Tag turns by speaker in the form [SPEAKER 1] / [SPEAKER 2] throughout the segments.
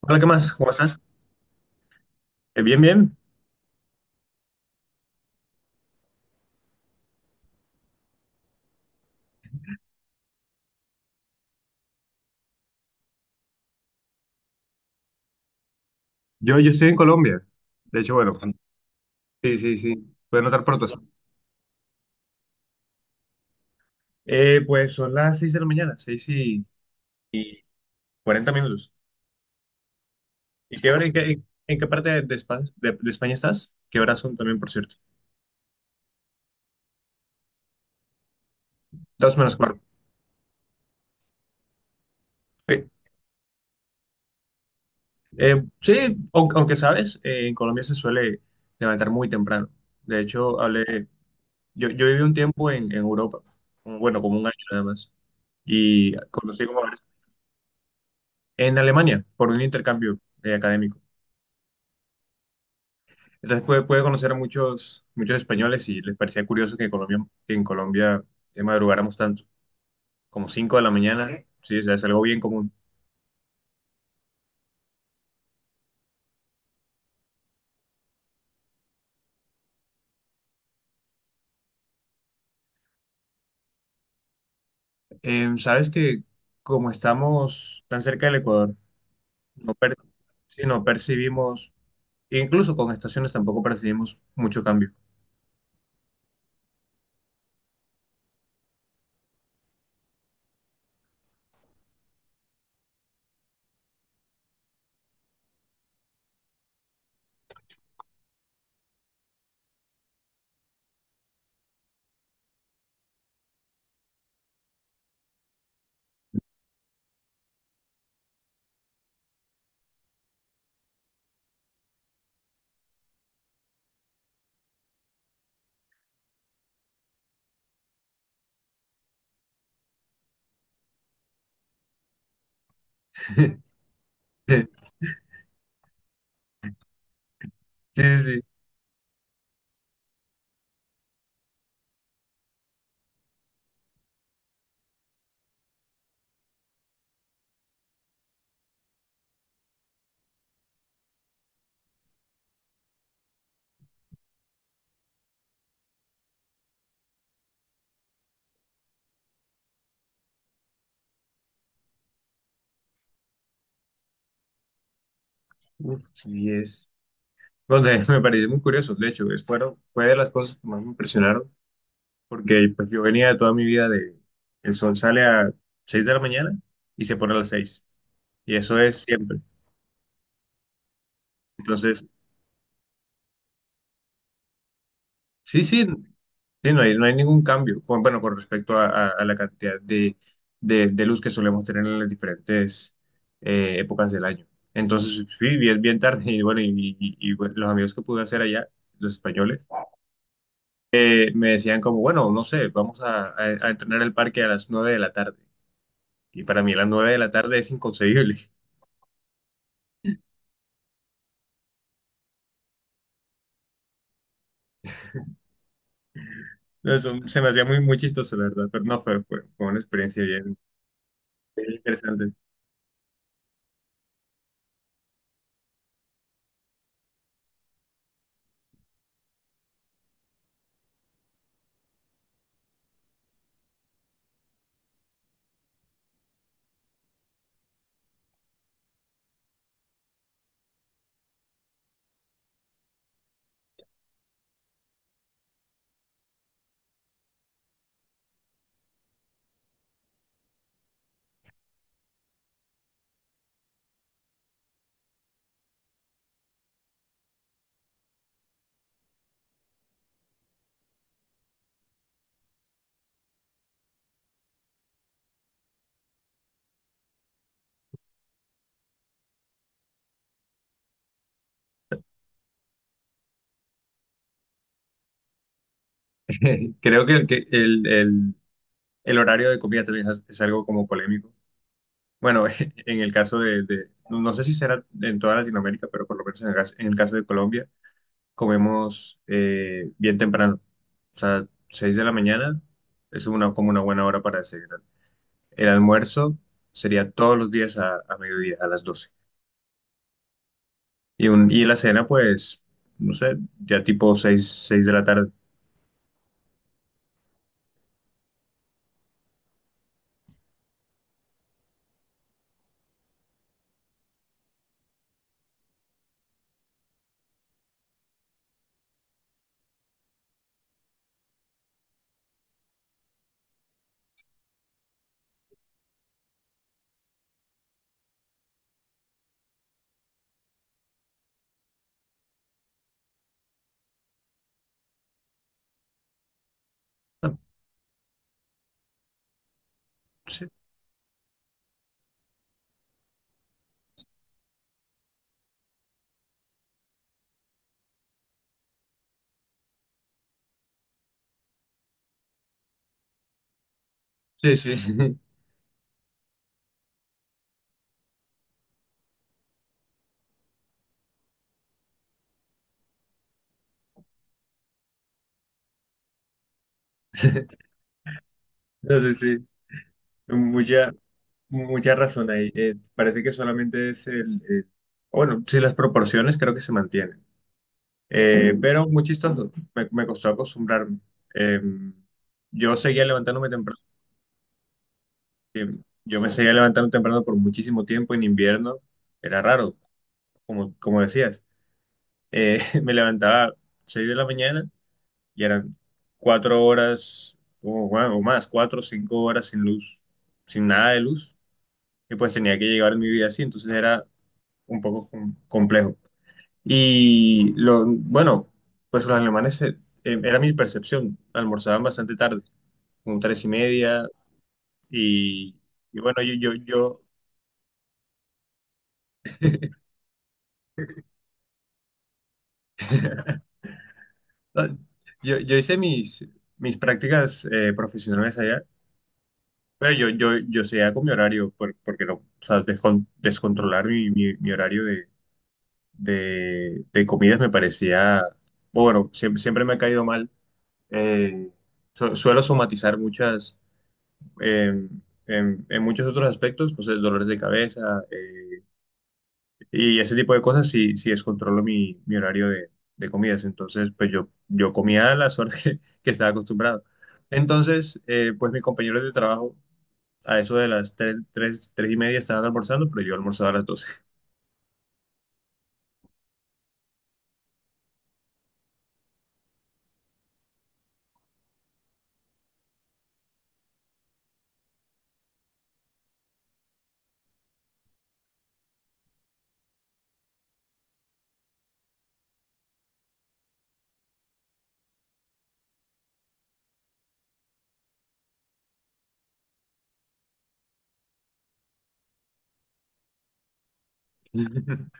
[SPEAKER 1] Hola, ¿qué más? ¿Cómo estás? Bien, bien. Yo estoy en Colombia. De hecho, bueno, sí, sí, sí. Puedes notar por tu acento. Pues son las 6 de la mañana, seis y 40 minutos. ¿Y qué hora, en qué parte de, de España estás? ¿Qué horas son también, por cierto? Dos menos cuarto. Sí. Sí, aunque sabes, en Colombia se suele levantar muy temprano. De hecho, yo viví un tiempo en Europa, bueno, como un año nada más, y conocí como en Alemania por un intercambio académico. Entonces pude conocer a muchos españoles y les parecía curioso que, en Colombia madrugáramos tanto, como 5 de la mañana, sí, o sea, es algo bien común. Sabes que como estamos tan cerca del Ecuador, no, per- sí, no percibimos, incluso con estaciones tampoco percibimos mucho cambio. Sí, sí, sí. Uf, sí es. Bueno, me pareció muy curioso, de hecho, fue de las cosas que más me impresionaron porque pues yo venía de toda mi vida de, el sol sale a 6 de la mañana y se pone a las 6 y eso es siempre. Entonces, sí, sí, sí, no hay ningún cambio, bueno, con respecto a, a la cantidad de, de luz que solemos tener en las diferentes épocas del año. Entonces, sí, bien, bien tarde, y bueno, bueno, los amigos que pude hacer allá, los españoles, me decían como, bueno, no sé, vamos a, a entrenar el parque a las 9 de la tarde. Y para mí a las 9 de la tarde es inconcebible. No. Eso se me hacía muy, muy chistoso, la verdad, pero no fue, fue, fue una experiencia bien, bien interesante. Creo que, el horario de comida también es algo como polémico. Bueno, en el caso de, no no sé si será en toda Latinoamérica, pero por lo menos en el caso de Colombia, comemos bien temprano. O sea, 6 de la mañana es una, como una buena hora para desayunar. El almuerzo sería todos los días a mediodía, a las doce. Y la cena, pues, no sé, ya tipo seis, seis de la tarde. Ah, sí, sí. No, sí. Entonces, sí, mucha, mucha razón ahí. Parece que solamente es el... bueno, sí, las proporciones creo que se mantienen. Pero muy chistoso, me costó acostumbrarme. Eh, yo seguía levantándome temprano. Sí. Yo me seguía levantando temprano por muchísimo tiempo en invierno. Era raro, como decías. Me levantaba 6 de la mañana y eran cuatro horas o, bueno, o más, cuatro o cinco horas sin luz, sin nada de luz, y pues tenía que llegar mi vida así, entonces era un poco complejo. Y lo, bueno, pues los alemanes, era mi percepción, almorzaban bastante tarde, como tres y media, y, y bueno, ah, yo hice mis prácticas profesionales allá. Pero yo seguía con mi horario, porque no, o sea, descontrolar mi horario de, de comidas me parecía, bueno, siempre, siempre me ha caído mal. Eh, suelo somatizar muchas, eh, en muchos otros aspectos, pues dolores de cabeza y ese tipo de cosas si, si descontrolo mi horario de comidas. Entonces, pues yo comía a las horas que estaba acostumbrado. Entonces, pues mis compañeros de trabajo a eso de las tres y media estaban almorzando, pero yo almorzaba a las doce.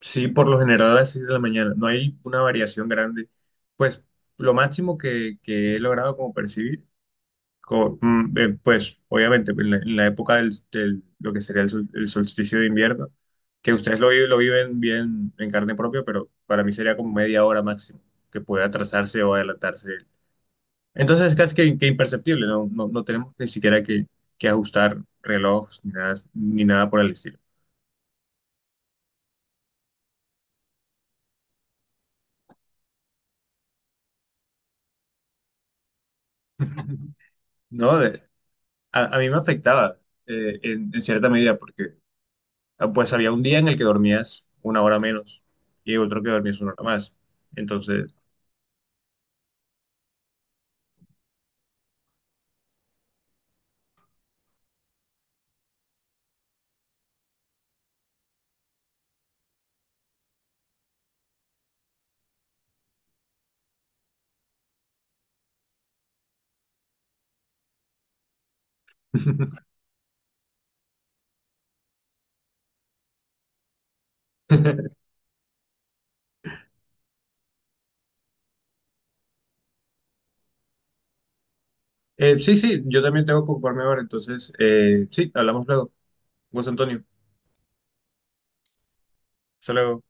[SPEAKER 1] Sí, por lo general a las 6 de la mañana. No hay una variación grande. Pues lo máximo que he logrado como percibir, pues obviamente en la época lo que sería el, el solsticio de invierno, que ustedes lo, lo viven bien en carne propia, pero para mí sería como media hora máximo, que puede atrasarse o adelantarse. Entonces es casi que imperceptible, no, no tenemos ni siquiera que ajustar reloj ni nada, ni nada por el estilo. ¿No? A mí me afectaba en cierta medida porque ah, pues había un día en el que dormías una hora menos y otro que dormías una hora más. Entonces, sí, sí, yo también tengo que ocuparme ahora. Entonces, sí, hablamos luego. José Antonio, hasta luego.